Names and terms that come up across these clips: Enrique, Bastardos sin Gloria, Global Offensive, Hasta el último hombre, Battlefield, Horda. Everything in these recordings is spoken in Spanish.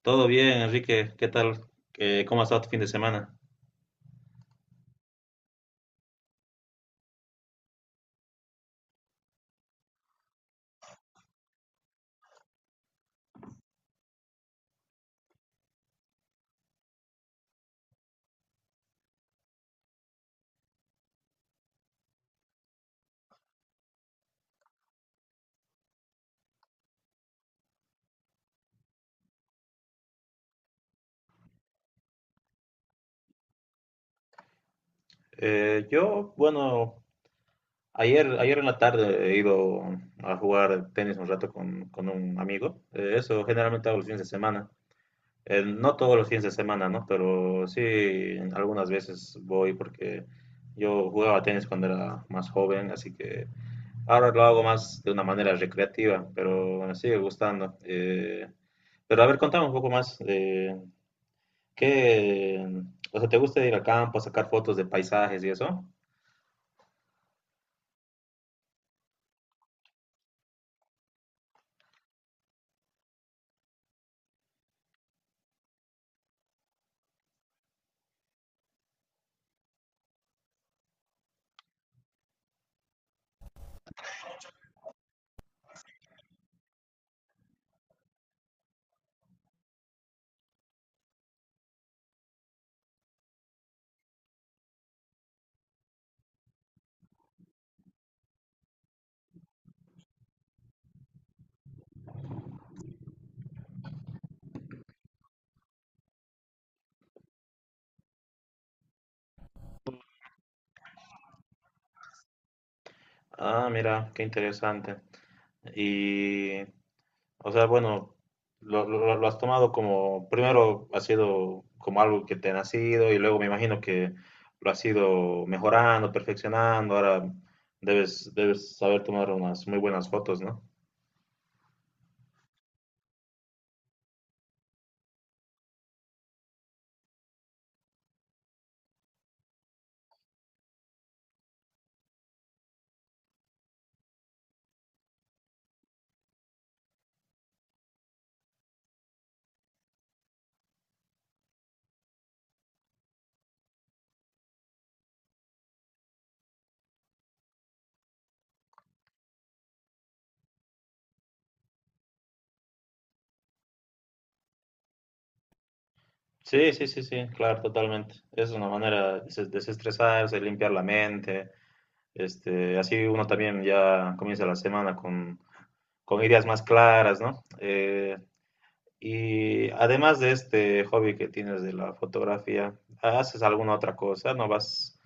Todo bien, Enrique. ¿Qué tal? ¿cómo ha estado tu fin de semana? Yo, bueno, ayer en la tarde he ido a jugar tenis un rato con un amigo. Eso generalmente hago los fines de semana. No todos los fines de semana, ¿no? Pero sí, algunas veces voy porque yo jugaba tenis cuando era más joven, así que ahora lo hago más de una manera recreativa, pero me sigue gustando. Pero a ver, contame un poco más. ¿Qué, te gusta ir al campo a sacar fotos de paisajes y eso? Ah, mira, qué interesante. Y, o sea, bueno, lo has tomado como, primero ha sido como algo que te ha nacido y luego me imagino que lo has ido mejorando, perfeccionando. Ahora debes saber tomar unas muy buenas fotos, ¿no? Sí, sí, sí, sí, claro, totalmente. Es una manera de desestresarse, limpiar la mente. Este, así uno también ya comienza la semana con ideas más claras, ¿no? Y además de este hobby que tienes de la fotografía, ¿haces alguna otra cosa? ¿No vas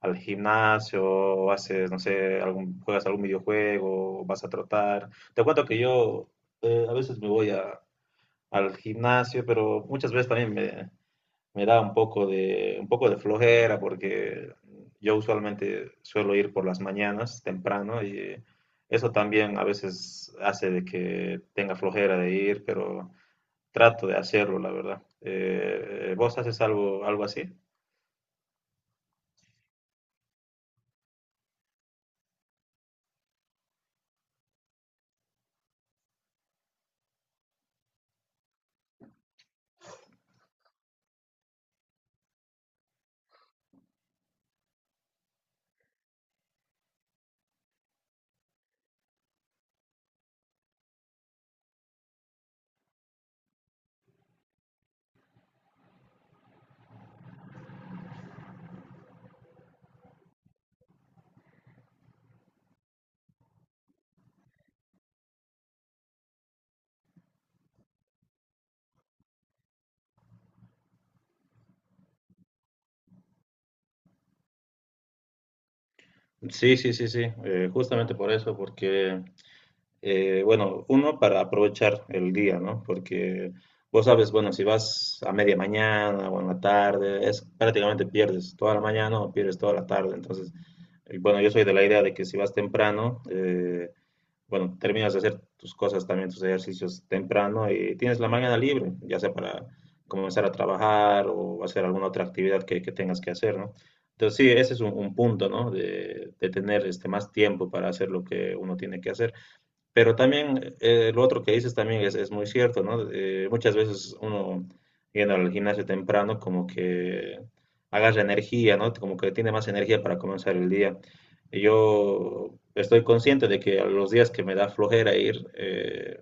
al gimnasio o haces, no sé, algún, juegas algún videojuego o vas a trotar? Te cuento que yo a veces al gimnasio, pero muchas veces también me da un poco de flojera porque yo usualmente suelo ir por las mañanas temprano y eso también a veces hace de que tenga flojera de ir, pero trato de hacerlo, la verdad. ¿Vos haces algo, algo así? Sí, sí, sí, sí, justamente por eso, porque bueno, uno para aprovechar el día, ¿no? Porque vos sabes, bueno, si vas a media mañana o en la tarde, es prácticamente pierdes toda la mañana o pierdes toda la tarde. Entonces, bueno, yo soy de la idea de que si vas temprano, bueno, terminas de hacer tus cosas también, tus ejercicios temprano y tienes la mañana libre, ya sea para comenzar a trabajar o hacer alguna otra actividad que tengas que hacer, ¿no? Entonces, sí, ese es un punto, ¿no? De tener este, más tiempo para hacer lo que uno tiene que hacer. Pero también lo otro que dices también es muy cierto, ¿no? Muchas veces uno yendo al gimnasio temprano como que agarra energía, ¿no? Como que tiene más energía para comenzar el día. Yo estoy consciente de que a los días que me da flojera ir,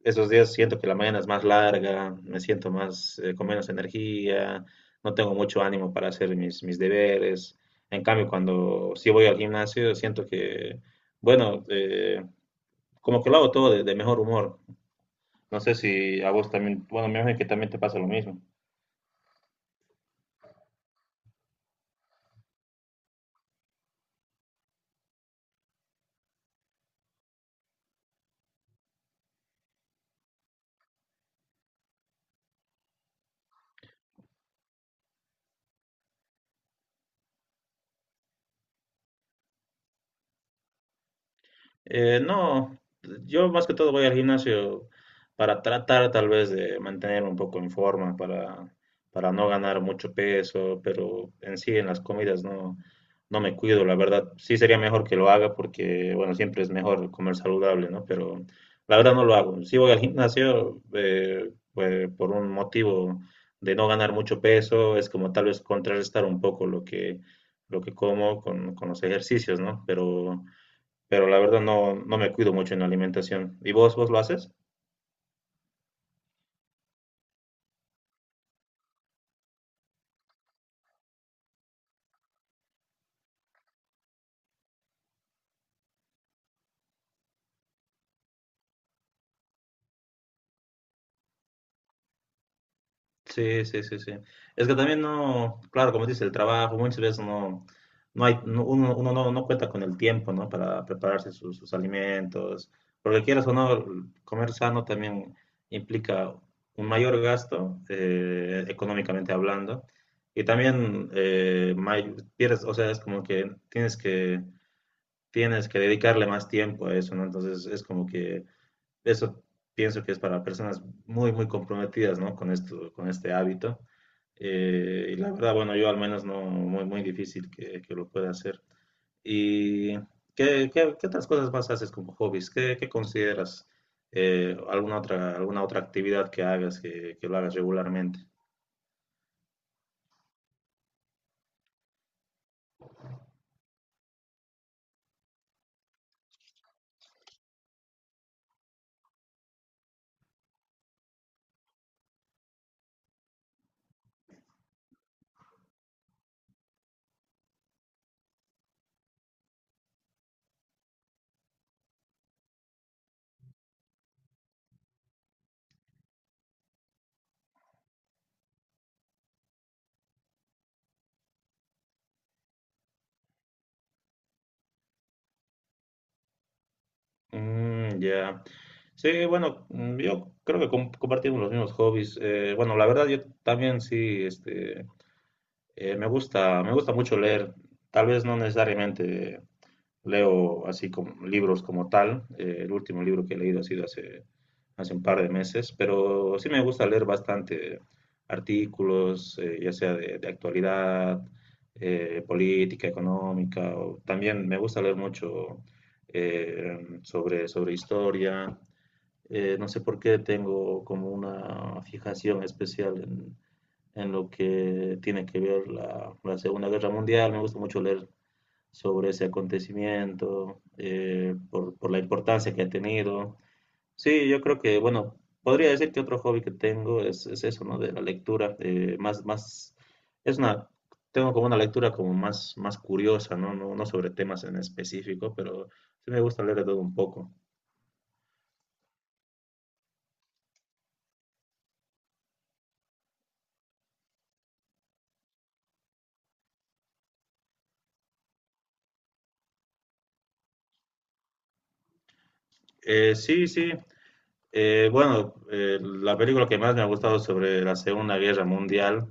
esos días siento que la mañana es más larga, me siento más con menos energía, no tengo mucho ánimo para hacer mis deberes. En cambio, cuando sí voy al gimnasio, siento que, bueno, como que lo hago todo de mejor humor. No sé si a vos también, bueno, me imagino que también te pasa lo mismo. No, yo más que todo voy al gimnasio para tratar tal vez de mantenerme un poco en forma, para no ganar mucho peso, pero en sí en las comidas no, no me cuido, la verdad. Sí sería mejor que lo haga porque, bueno, siempre es mejor comer saludable, ¿no? Pero la verdad no lo hago. Sí voy al gimnasio pues, por un motivo de no ganar mucho peso, es como tal vez contrarrestar un poco lo que como con los ejercicios, ¿no? Pero la verdad no, no me cuido mucho en la alimentación. ¿Y vos lo haces? Sí, sí, sí, sí. Es que también no, claro, como dice el trabajo, muchas veces no, no hay, uno no, no cuenta con el tiempo, ¿no? Para prepararse sus alimentos, porque quieras o no, comer sano también implica un mayor gasto, económicamente hablando, y también pierdes, o sea, es como que tienes que, tienes que dedicarle más tiempo a eso, ¿no? Entonces es como que eso pienso que es para personas muy, muy comprometidas, ¿no? Con esto, con este hábito. Y la verdad, bueno, yo al menos no, muy, muy difícil que lo pueda hacer. ¿Y qué, qué, qué otras cosas más haces como hobbies? ¿Qué, qué consideras? Eh, alguna otra actividad que hagas, que lo hagas regularmente. Mm, ya. Sí, bueno, mm, yo creo que compartimos los mismos hobbies. Bueno, la verdad, yo también sí, este, eh, me gusta mucho leer. Tal vez no necesariamente leo así como libros como tal. El último libro que he leído ha sido hace un par de meses, pero sí me gusta leer bastante artículos, ya sea de actualidad, política, económica. También me gusta leer mucho sobre historia. No sé por qué tengo como una fijación especial en lo que tiene que ver la Segunda Guerra Mundial. Me gusta mucho leer sobre ese acontecimiento, por la importancia que ha tenido. Sí, yo creo que, bueno, podría decir que otro hobby que tengo es eso, ¿no? De la lectura, es una, tengo como una lectura como más curiosa, ¿no? No, no sobre temas en específico, pero sí me gusta leer de todo un poco. Sí, sí, bueno, la película que más me ha gustado sobre la Segunda Guerra Mundial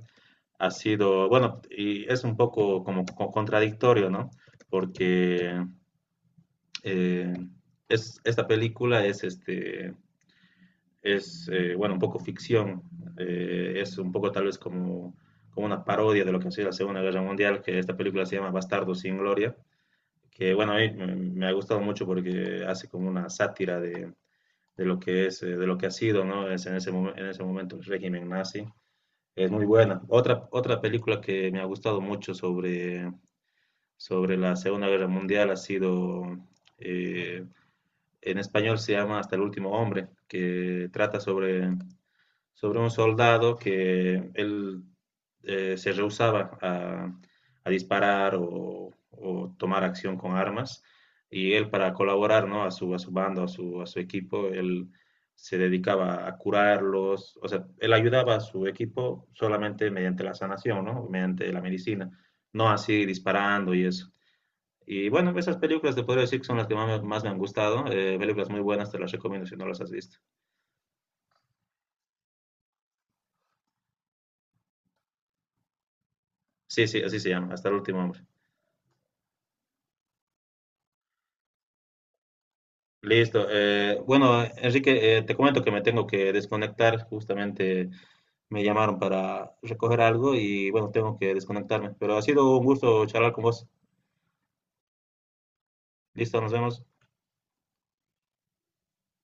ha sido, bueno, y es un poco como, contradictorio, ¿no? Porque eh, es, esta película es, este, es bueno, un poco ficción, es un poco tal vez como, como una parodia de lo que ha sido la Segunda Guerra Mundial, que esta película se llama Bastardos sin Gloria, que bueno, a mí me, me ha gustado mucho porque hace como una sátira de lo que es, de lo que ha sido, ¿no? Es en ese, en ese momento el régimen nazi. Es muy buena. Otra película que me ha gustado mucho sobre, sobre la Segunda Guerra Mundial ha sido, eh, en español se llama Hasta el último hombre, que trata sobre, sobre un soldado que él se rehusaba a disparar o, tomar acción con armas y él para colaborar ¿no? A su bando, a a su equipo, él se dedicaba a curarlos, o sea, él ayudaba a su equipo solamente mediante la sanación, ¿no? Mediante la medicina, no así disparando y eso. Y bueno, esas películas te podría decir que son las que más, más me han gustado. Eh, películas muy buenas, te las recomiendo si no las has visto. Sí, sí, así se llama, hasta el último hombre. Listo. Eh, bueno, Enrique, te comento que me tengo que desconectar. Justamente me llamaron para recoger algo y bueno, tengo que desconectarme. Pero ha sido un gusto charlar con vos. Listo, nos vemos.